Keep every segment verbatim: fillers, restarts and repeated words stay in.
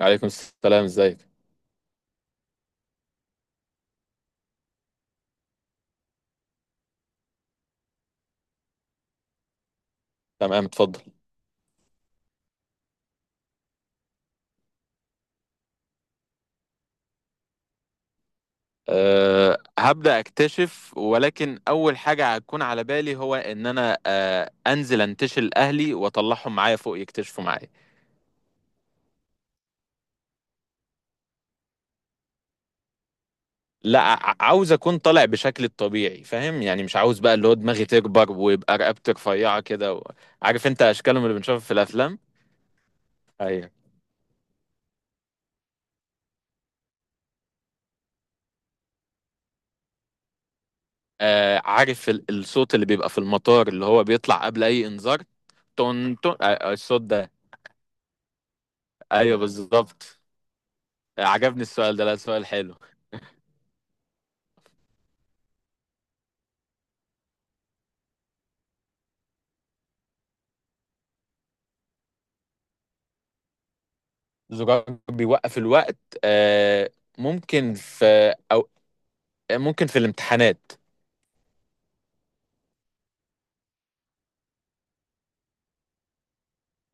عليكم السلام، ازيك؟ تمام، اتفضل. أه هبدأ أكتشف، ولكن أول حاجة هتكون على بالي هو إن أنا أه أنزل أنتشل أهلي وأطلعهم معايا فوق يكتشفوا معايا. لا، ع- عاوز أكون طالع بشكل الطبيعي، فاهم يعني؟ مش عاوز بقى اللي هو دماغي تكبر ويبقى رقبتي رفيعة كده و... عارف أنت أشكالهم اللي بنشوفها في الأفلام. ايوه. أه عارف ال- الصوت اللي بيبقى في المطار اللي هو بيطلع قبل أي إنذار؟ تون تون آه، آه، الصوت ده. أيوه بالظبط. آه، عجبني السؤال ده، لا سؤال حلو. زجاج بيوقف الوقت. آه، ممكن في، أو آه، ممكن في الامتحانات.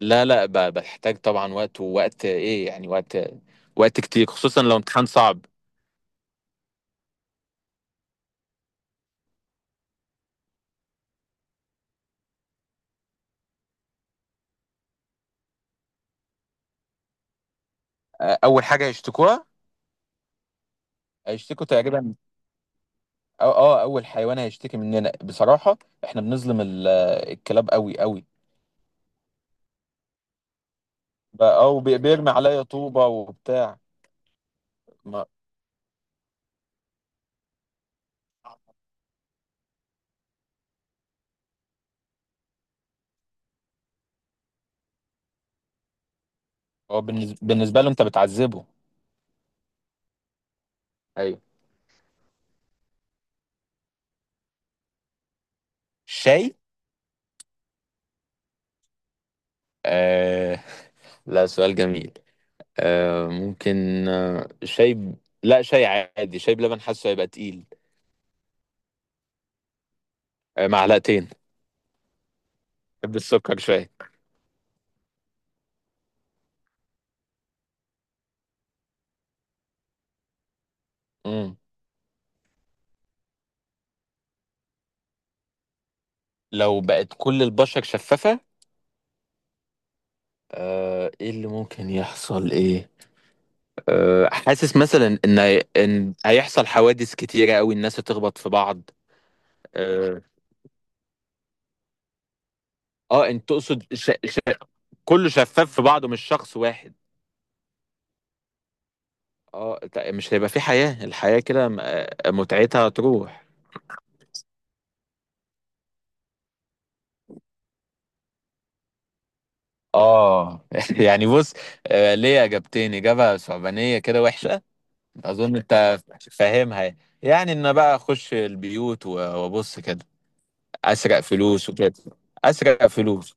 لا لا، ب- بحتاج طبعا وقت، ووقت ايه يعني؟ وقت وقت كتير، خصوصا لو امتحان صعب. آه، اول حاجه هيشتكوها، هيشتكوا تقريبا، أو اه اول حيوان هيشتكي مننا بصراحه احنا بنظلم ال- الكلاب قوي قوي. او بيرمي عليا طوبه وبتاع. ما- هو بالنس- بالنسبه له انت بتعذبه. ايوه. شاي. آه. لا سؤال جميل. آه ممكن آه شاي ب... لا شاي عادي، شاي بلبن حاسه هيبقى تقيل. آه معلقتين. بالسكر شوية. مم. لو بقت كل البشر شفافة، آه ايه اللي ممكن يحصل، ايه؟ آه حاسس مثلا ان هي- ان هيحصل حوادث كتيرة قوي، الناس هتخبط في بعض. اه، آه انت تقصد ش... ش... كله شفاف في بعضه مش شخص واحد؟ اه ت- مش هيبقى في حياة، الحياة كده م- آه، متعتها تروح. اه. يعني بص، آه، ليه اجابتين، اجابه صعبانيه كده وحشه. اظن انت فاهمها يعني. يعني ان بقى اخش البيوت و- وابص كده. اسرق فلوس وكده. اسرق فلوس.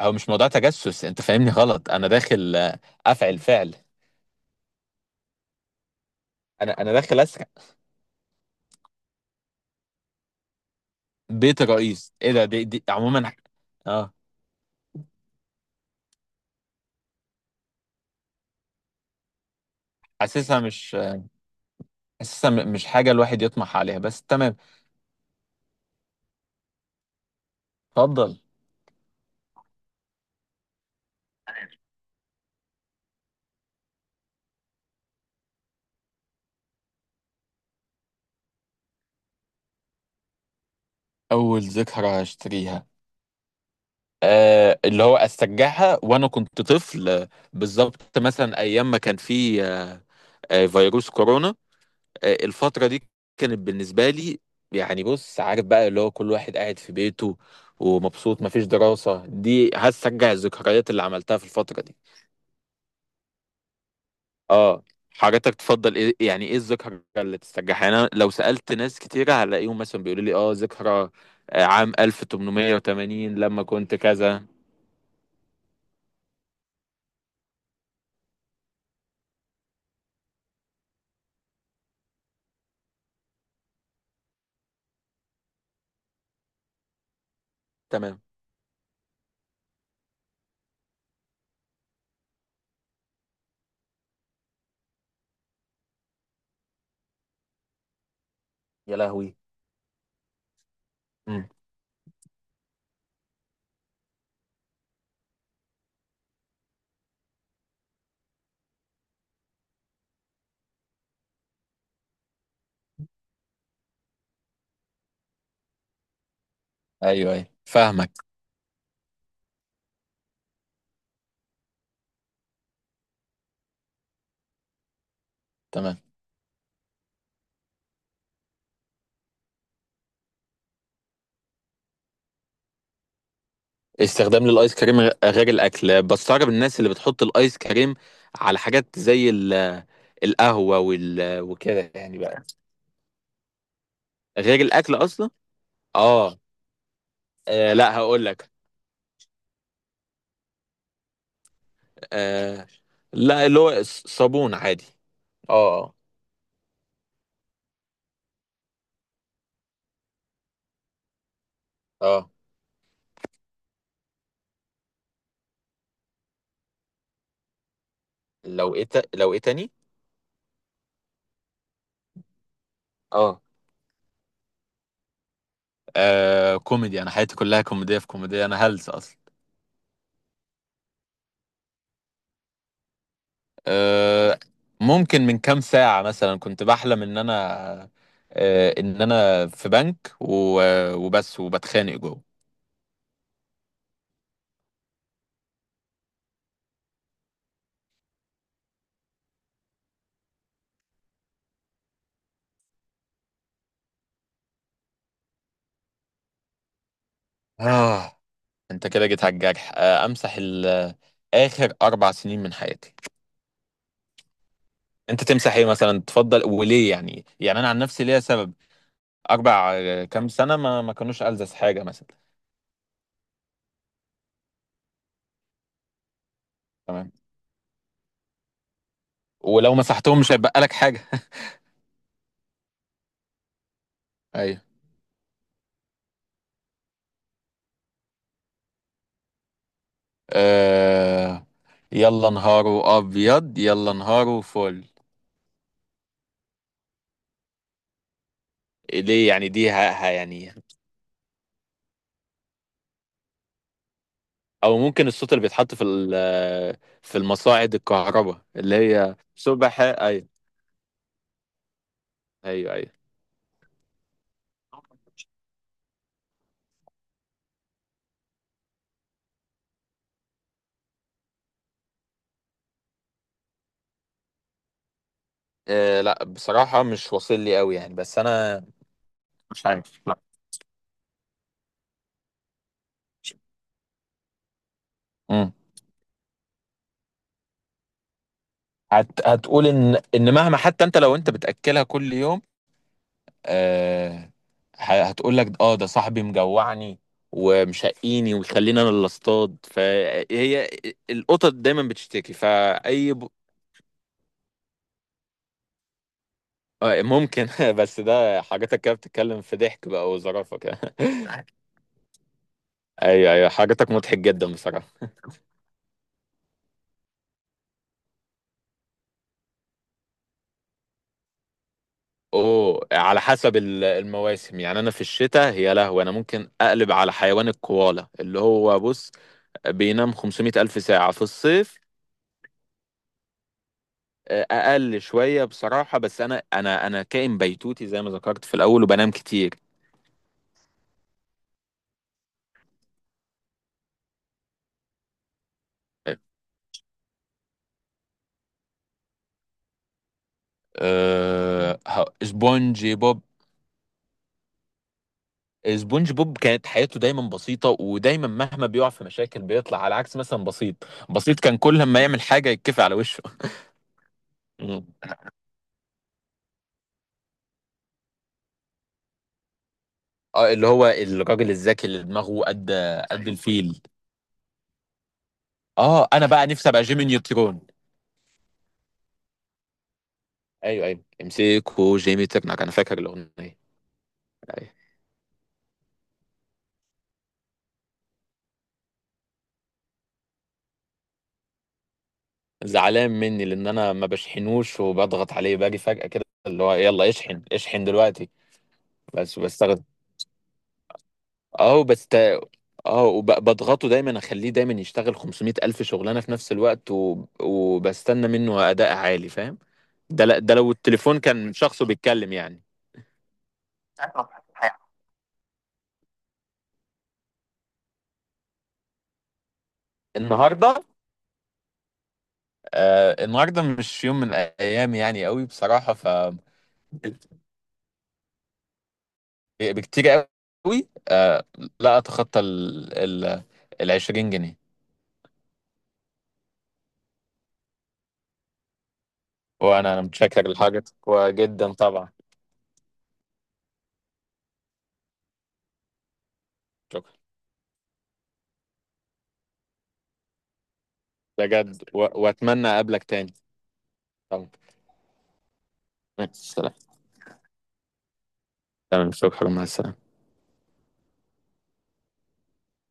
او مش موضوع تجسس، انت فاهمني غلط، انا داخل آه، افعل فعل. انا انا داخل اسرق. بيت الرئيس ايه ده، دي, دي عموما. اه. حاسسها مش، حاسسها م- مش حاجه الواحد يطمح عليها، بس تمام. اتفضل. اول ذكرى هشتريها، آه اللي هو أسجعها وأنا كنت طفل، آه، بالظبط مثلا أيام ما كان في آه آه فيروس كورونا. آه الفترة دي كانت بالنسبة لي يعني بص، عارف بقى اللي هو كل واحد قاعد في بيته ومبسوط مفيش دراسة، دي هسجع الذكريات اللي عملتها في الفترة دي. اه. حضرتك تفضل ايه يعني؟ ايه الذكرى اللي تسترجعها؟ يعني انا لو سألت ناس كتيرة هلاقيهم مثلا بيقولوا لي اه ذكرى آه، عام ألف وثمانمائة لما كنت كذا. تمام. يا لهوي. ايوه ايوه فاهمك. تمام. استخدام للايس كريم غ- غير الاكل، بستغرب الناس اللي بتحط الايس كريم على حاجات زي ال- القهوه وال... وكده يعني بقى. غير الاكل اصلا؟ اه آه، لا هقول لك. آه. لا اللي هو ص- صابون عادي. اه اه. اه. لو ايه تا- لو ايه تاني؟ اه آه، كوميدي، انا حياتي كلها كوميديه في كوميديه، انا هلس اصلا. أه ممكن من كام ساعة مثلا كنت بحلم ان انا أه ان انا في بنك و- وبس وبتخانق جوه. آه، انت كده جيت على الجرح، أه امسح ال- اخر اربع سنين من حياتي. انت تمسح ايه مثلا تفضل وليه يعني؟ يعني انا عن نفسي ليا سبب. اربع آه، كام سنة ما ما كانوش ألذذ حاجة مثلا. تمام. ولو مسحتهم مش هيبقى لك حاجة. ايوه. أه يلا نهاره ابيض، يلا نهاره فل. ليه يعني؟ دي ها ها يعني. او ممكن الصوت اللي بيتحط في ال- في المصاعد الكهرباء اللي هي سبح. ايوه. ايوه ايوه. إيه؟ لا بصراحة مش واصل لي قوي، يعني بس انا مش عارف، لا. امم. هت... هتقول ان ان مهما حتى انت لو انت بتاكلها كل يوم، آه... ه- هتقول لك اه ده صاحبي مجوعني ومشقيني ويخليني انا اللي اصطاد، فهي القطط دايما بتشتكي فاي. آه، ممكن. بس ده حاجاتك كده بتتكلم في ضحك بقى وظرافة كده. ايوه ايوه، حاجاتك مضحك جدا بصراحة. اوه، على حسب ال- المواسم، يعني انا في الشتاء يا لهوي انا ممكن اقلب على حيوان الكوالا اللي هو بص بينام خمسمائة الف ساعة في الصيف. آه، اقل شوية بصراحة، بس انا انا انا كائن بيتوتي زي ما ذكرت في الاول وبنام كتير. أه ه- سبونجي بوب. سبونج بوب كانت حياته دايما بسيطة، ودايما مهما بيقع في مشاكل بيطلع، على عكس مثلا بسيط، بسيط كان كل ما يعمل حاجة يتكفي على وشه. مم. اه اللي هو الراجل الذكي اللي دماغه قد، قد الفيل. اه انا بقى نفسي ابقى جيمي نيوترون. ايوه ايوه امسكه جيمي ترنك، انا فاكر الاغنية. أيوة. زعلان مني لان انا ما بشحنوش وبضغط عليه، باجي فجأة كده اللي هو يلا اشحن اشحن دلوقتي. بس بستخدم، اه بس تا- اه وبضغطه دايما، اخليه دايما يشتغل خمسمائة الف شغلانه في نفس الوقت و... وبستنى منه اداء عالي، فاهم؟ ده ل... ده لو التليفون كان شخصه بيتكلم يعني. النهارده؟ آه النهارده مش يوم من الايام يعني قوي بصراحه، ف بكتير قوي آه. لا، اتخطى ال ال ال عشرين جنيه. وانا انا متشكر لحاجتك وجدا طبعا. شكرا بجد، و- واتمنى اقابلك تاني. طبعا. مع السلامة. تعمل فوق حاجة مع السقف.